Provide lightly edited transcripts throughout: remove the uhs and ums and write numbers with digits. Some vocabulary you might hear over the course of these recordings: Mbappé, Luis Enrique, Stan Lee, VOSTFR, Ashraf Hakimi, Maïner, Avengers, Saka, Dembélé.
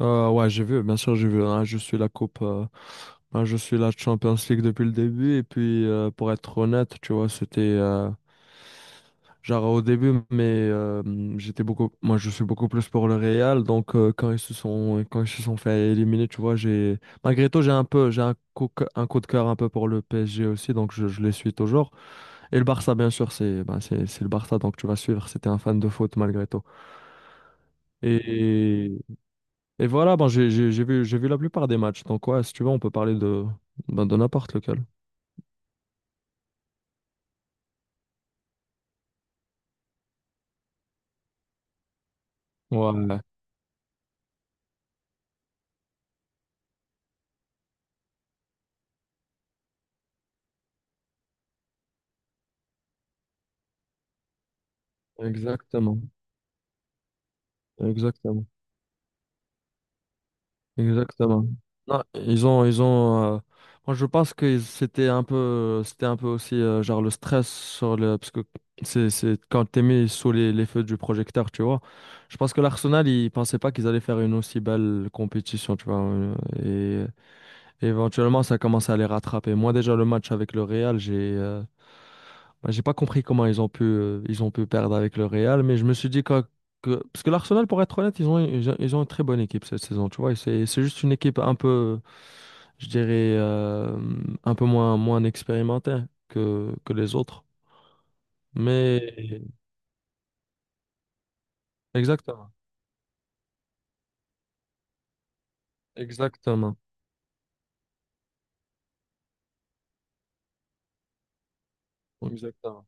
Ouais, j'ai vu, bien sûr, je suis la je suis la Champions League depuis le début. Et puis, pour être honnête, tu vois, c'était genre au début, moi, je suis beaucoup plus pour le Real. Donc, quand ils se sont fait éliminer, tu vois, malgré tout, un coup de cœur un peu pour le PSG aussi. Donc, je les suis toujours. Et le Barça, bien sûr, c'est le Barça. Donc, tu vas suivre. C'était un fan de foot malgré tout. Et Et voilà, ben, j'ai vu la plupart des matchs. Donc, ouais, si tu veux, on peut parler de n'importe lequel. Ouais, exactement. Exactement. Exactement. Non, moi, je pense que c'était un peu aussi genre le stress sur le. Parce que c'est quand t'es mis sous les feux du projecteur, tu vois. Je pense que l'Arsenal, ils pensaient pas qu'ils allaient faire une aussi belle compétition, tu vois. Et, et éventuellement, ça commence à les rattraper. Moi, déjà, le match avec le Real, j'ai. Bah, j'ai pas compris comment ils ont pu perdre avec le Real, mais je me suis dit que parce que l'Arsenal, pour être honnête, ils ont une très bonne équipe cette saison, tu vois. Et c'est juste une équipe un peu, je dirais, euh, un peu moins expérimentée que les autres. Mais exactement, exactement, exactement.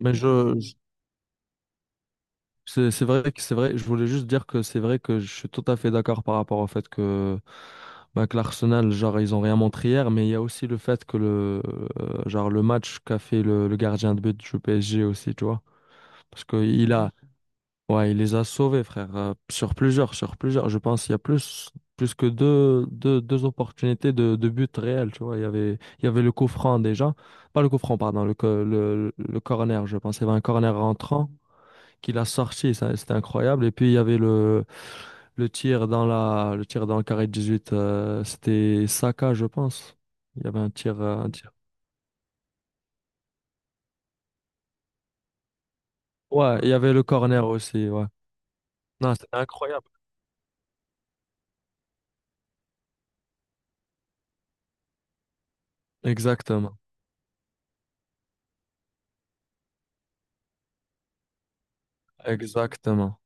Mais je, c'est vrai que c'est vrai, je voulais juste dire que c'est vrai que je suis tout à fait d'accord par rapport au fait que, bah, que l'Arsenal, genre, ils ont rien montré hier, mais il y a aussi le fait que genre, le match qu'a fait le gardien de but du PSG aussi, tu vois. Parce que il a, ouais, il les a sauvés, frère, sur plusieurs. Je pense qu'il y a plus que deux opportunités de but réel, tu vois. Il y avait le coup franc déjà, pas le coup franc, pardon, le corner, je pense. Il y avait un corner rentrant qu'il a sorti. C'était incroyable. Et puis, il y avait le tir le tir dans le carré de 18. C'était Saka, je pense. Il y avait un un tir. Ouais, il y avait le corner aussi. Ouais. Non, c'était incroyable. Exactement. Exactement.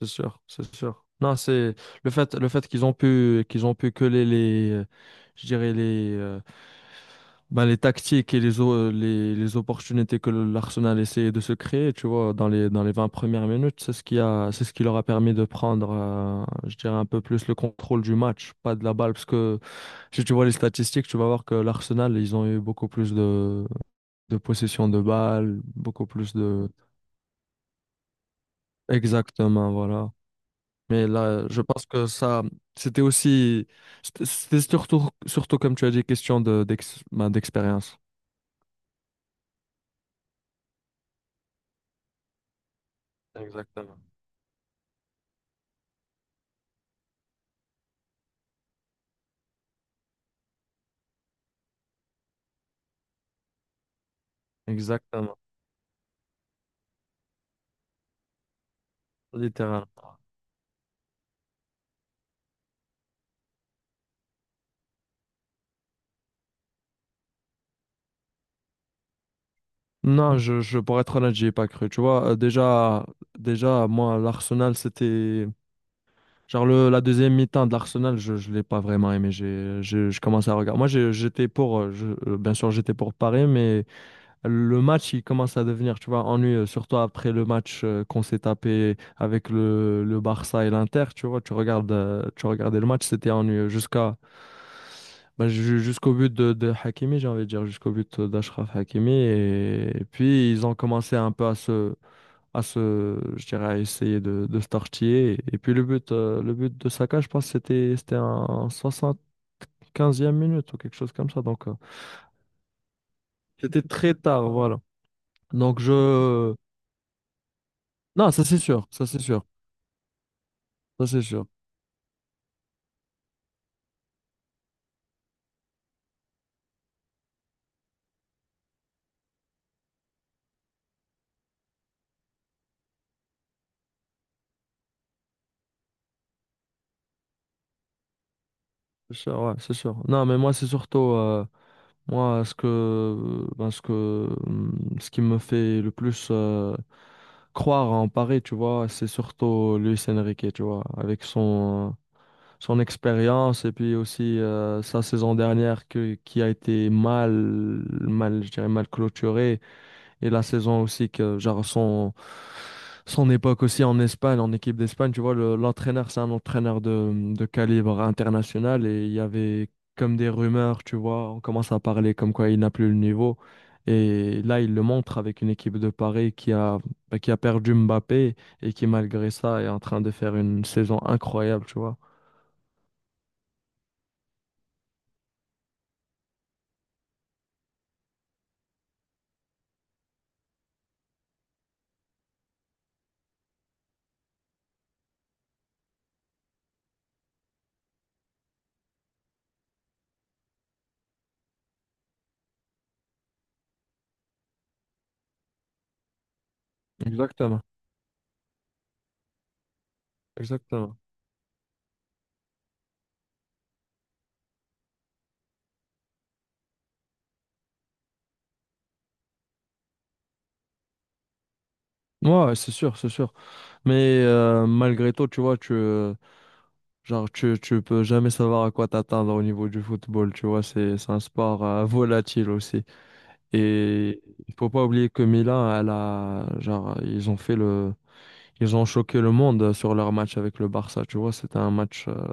C'est sûr. C'est sûr. Non, c'est le fait qu'ils ont qu'ils ont pu coller les, je dirais les, Ben, les tactiques et les opportunités que l'Arsenal essayait de se créer, tu vois, dans les 20 premières minutes, c'est ce c'est ce qui leur a permis de prendre, un peu plus le contrôle du match, pas de la balle. Parce que si tu vois les statistiques, tu vas voir que l'Arsenal, ils ont eu beaucoup plus de possession de balles, beaucoup plus de... Exactement, voilà. Mais là, je pense que c'était aussi, surtout, comme tu as dit, question de d'expérience. Exactement. Exactement. Littéralement. Non, pour être honnête, j'y ai pas cru. Tu vois, déjà, moi, l'Arsenal, c'était. La deuxième mi-temps de l'Arsenal, je ne l'ai pas vraiment aimé. Je commençais à regarder. Bien sûr, j'étais pour Paris, mais le match, il commence à devenir, tu vois, ennuyeux, surtout après le match qu'on s'est tapé avec le Barça et l'Inter, tu vois, tu regardais le match, c'était ennuyeux jusqu'au but de Hakimi, j'ai envie de dire, jusqu'au but d'Ashraf Hakimi. Et puis, ils ont commencé un peu à je dirais, à essayer de se tortiller. Puis, le but de Saka, je pense, c'était en 75e minute ou quelque chose comme ça. C'était très tard, voilà. Donc, je, Non, ça c'est sûr, ça c'est sûr, ça c'est sûr, ouais, c'est sûr. Non, mais moi c'est surtout moi ce que ben, ce que ce qui me fait le plus croire en Paris, tu vois, c'est surtout Luis Enrique, tu vois, avec son son expérience et puis aussi sa saison dernière qui a été mal mal je dirais mal clôturée. Et la saison aussi que genre son époque aussi en Espagne, en équipe d'Espagne, tu vois, l'entraîneur, c'est un entraîneur de calibre international et il y avait comme des rumeurs, tu vois, on commence à parler comme quoi il n'a plus le niveau. Et là, il le montre avec une équipe de Paris bah, qui a perdu Mbappé et qui, malgré ça, est en train de faire une saison incroyable, tu vois. Exactement, exactement. Ouais, ouais, c'est sûr, c'est sûr. Malgré tout, Genre, tu peux jamais savoir à quoi t'attendre au niveau du football, tu vois, c'est un sport volatile aussi. Et il faut pas oublier que Milan, elle a, genre, ils ont fait ils ont choqué le monde sur leur match avec le Barça, tu vois, c'était un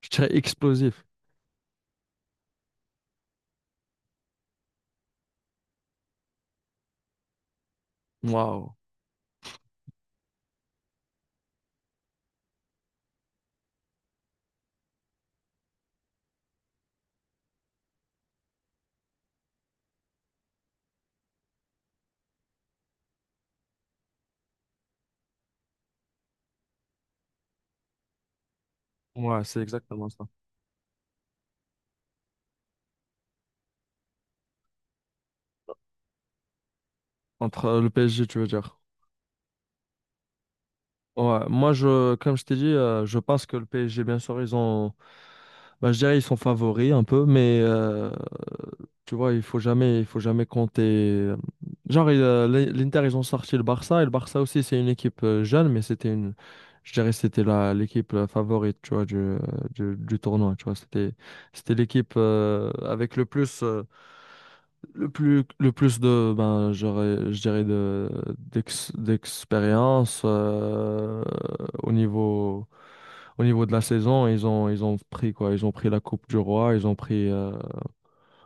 je dirais, explosif. Waouh. Ouais, c'est exactement ça. Entre le PSG, tu veux dire. Ouais, comme je t'ai dit, je pense que le PSG, bien sûr, bah, je dirais, ils sont favoris un peu, tu vois, il faut jamais compter. l'Inter, ils ont sorti le Barça, et le Barça aussi, c'est une équipe jeune, mais c'était une, je dirais, c'était la l'équipe favorite, tu vois, du tournoi, tu vois, c'était l'équipe avec le plus de, je dirais, d'expérience au niveau, au niveau de la saison. Ils ont pris quoi? Ils ont pris la Coupe du Roi, ils ont pris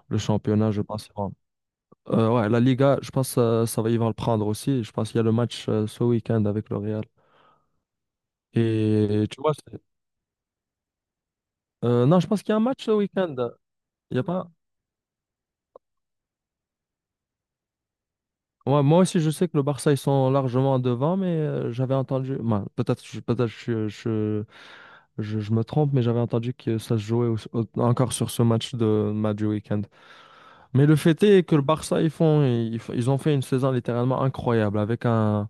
le championnat, je pense. Bon. Ouais, la Liga, je pense ça va, ils vont le prendre aussi. Je pense qu'il y a le match ce week-end avec le Real. Et tu vois, c'est- non, je pense qu'il y a un match ce week-end. Il y a pas. Ouais, moi aussi, je sais que le Barça, ils sont largement devant, mais j'avais entendu. Peut-être je me trompe, mais j'avais entendu que ça se jouait encore sur ce match de match du week-end. Mais le fait est que le Barça, ils font, ils, f- ils ont fait une saison littéralement incroyable avec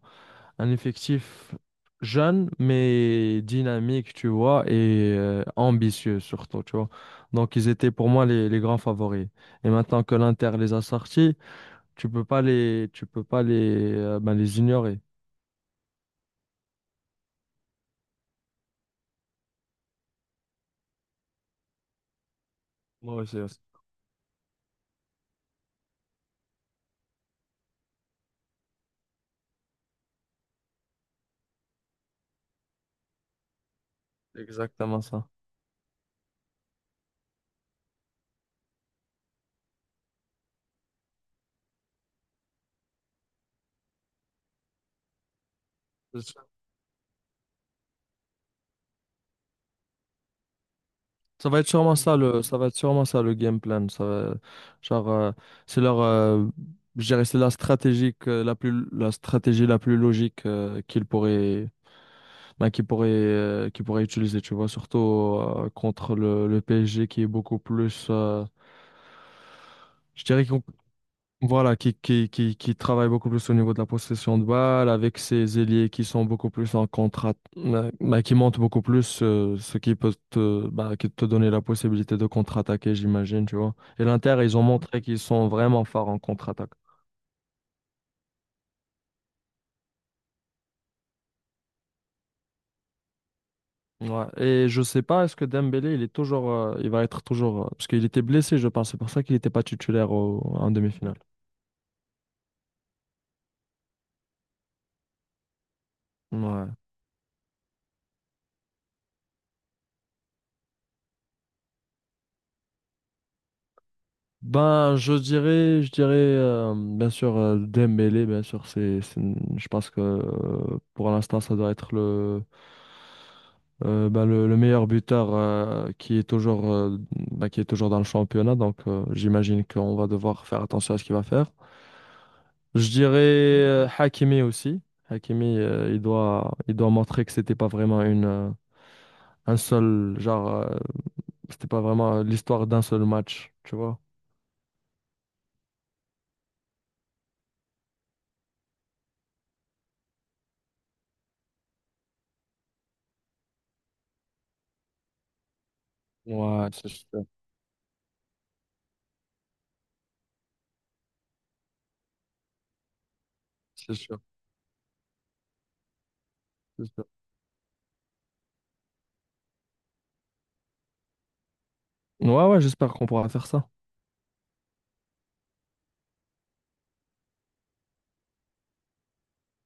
un effectif jeune, mais dynamique, tu vois, et ambitieux surtout, tu vois. Donc, ils étaient pour moi les grands favoris. Et maintenant que l'Inter les a sortis, tu peux pas ben, les ignorer. Ouais, c'est exactement ça. C'est sûr. Ça va être sûrement ça ça va être sûrement ça le game plan. Ça va- genre, c'est leur, je dirais, c'est la stratégie que- la plus, la stratégie la plus logique qu'ils pourraient, ben, qu'ils pourraient utiliser. Tu vois, surtout contre le PSG qui est beaucoup plus, je dirais Voilà, qui travaille beaucoup plus au niveau de la possession de balle, avec ses ailiers qui sont beaucoup plus en contrat, bah, qui montent beaucoup plus, ce qui peut te, bah, qui te donner la possibilité de contre-attaquer, j'imagine, tu vois. Et l'Inter, ils ont montré qu'ils sont vraiment forts en contre-attaque. Ouais. Et je sais pas, est-ce que Dembélé, il va être toujours, parce qu'il était blessé, je pense, c'est pour ça qu'il n'était pas titulaire en demi-finale. Ouais. Ben, je dirais, bien sûr, Dembélé, bien sûr, je pense que pour l'instant, ça doit être le meilleur buteur ben, qui est toujours dans le championnat. Donc, j'imagine qu'on va devoir faire attention à ce qu'il va faire. Je dirais Hakimi aussi. Hakimi, il doit montrer que c'était pas vraiment une, un seul, genre, euh, c'était pas vraiment l'histoire d'un seul match, tu vois. Ouais, c'est sûr. C'est sûr. J'espère. Ouais, ouais, j'espère qu'on pourra faire ça.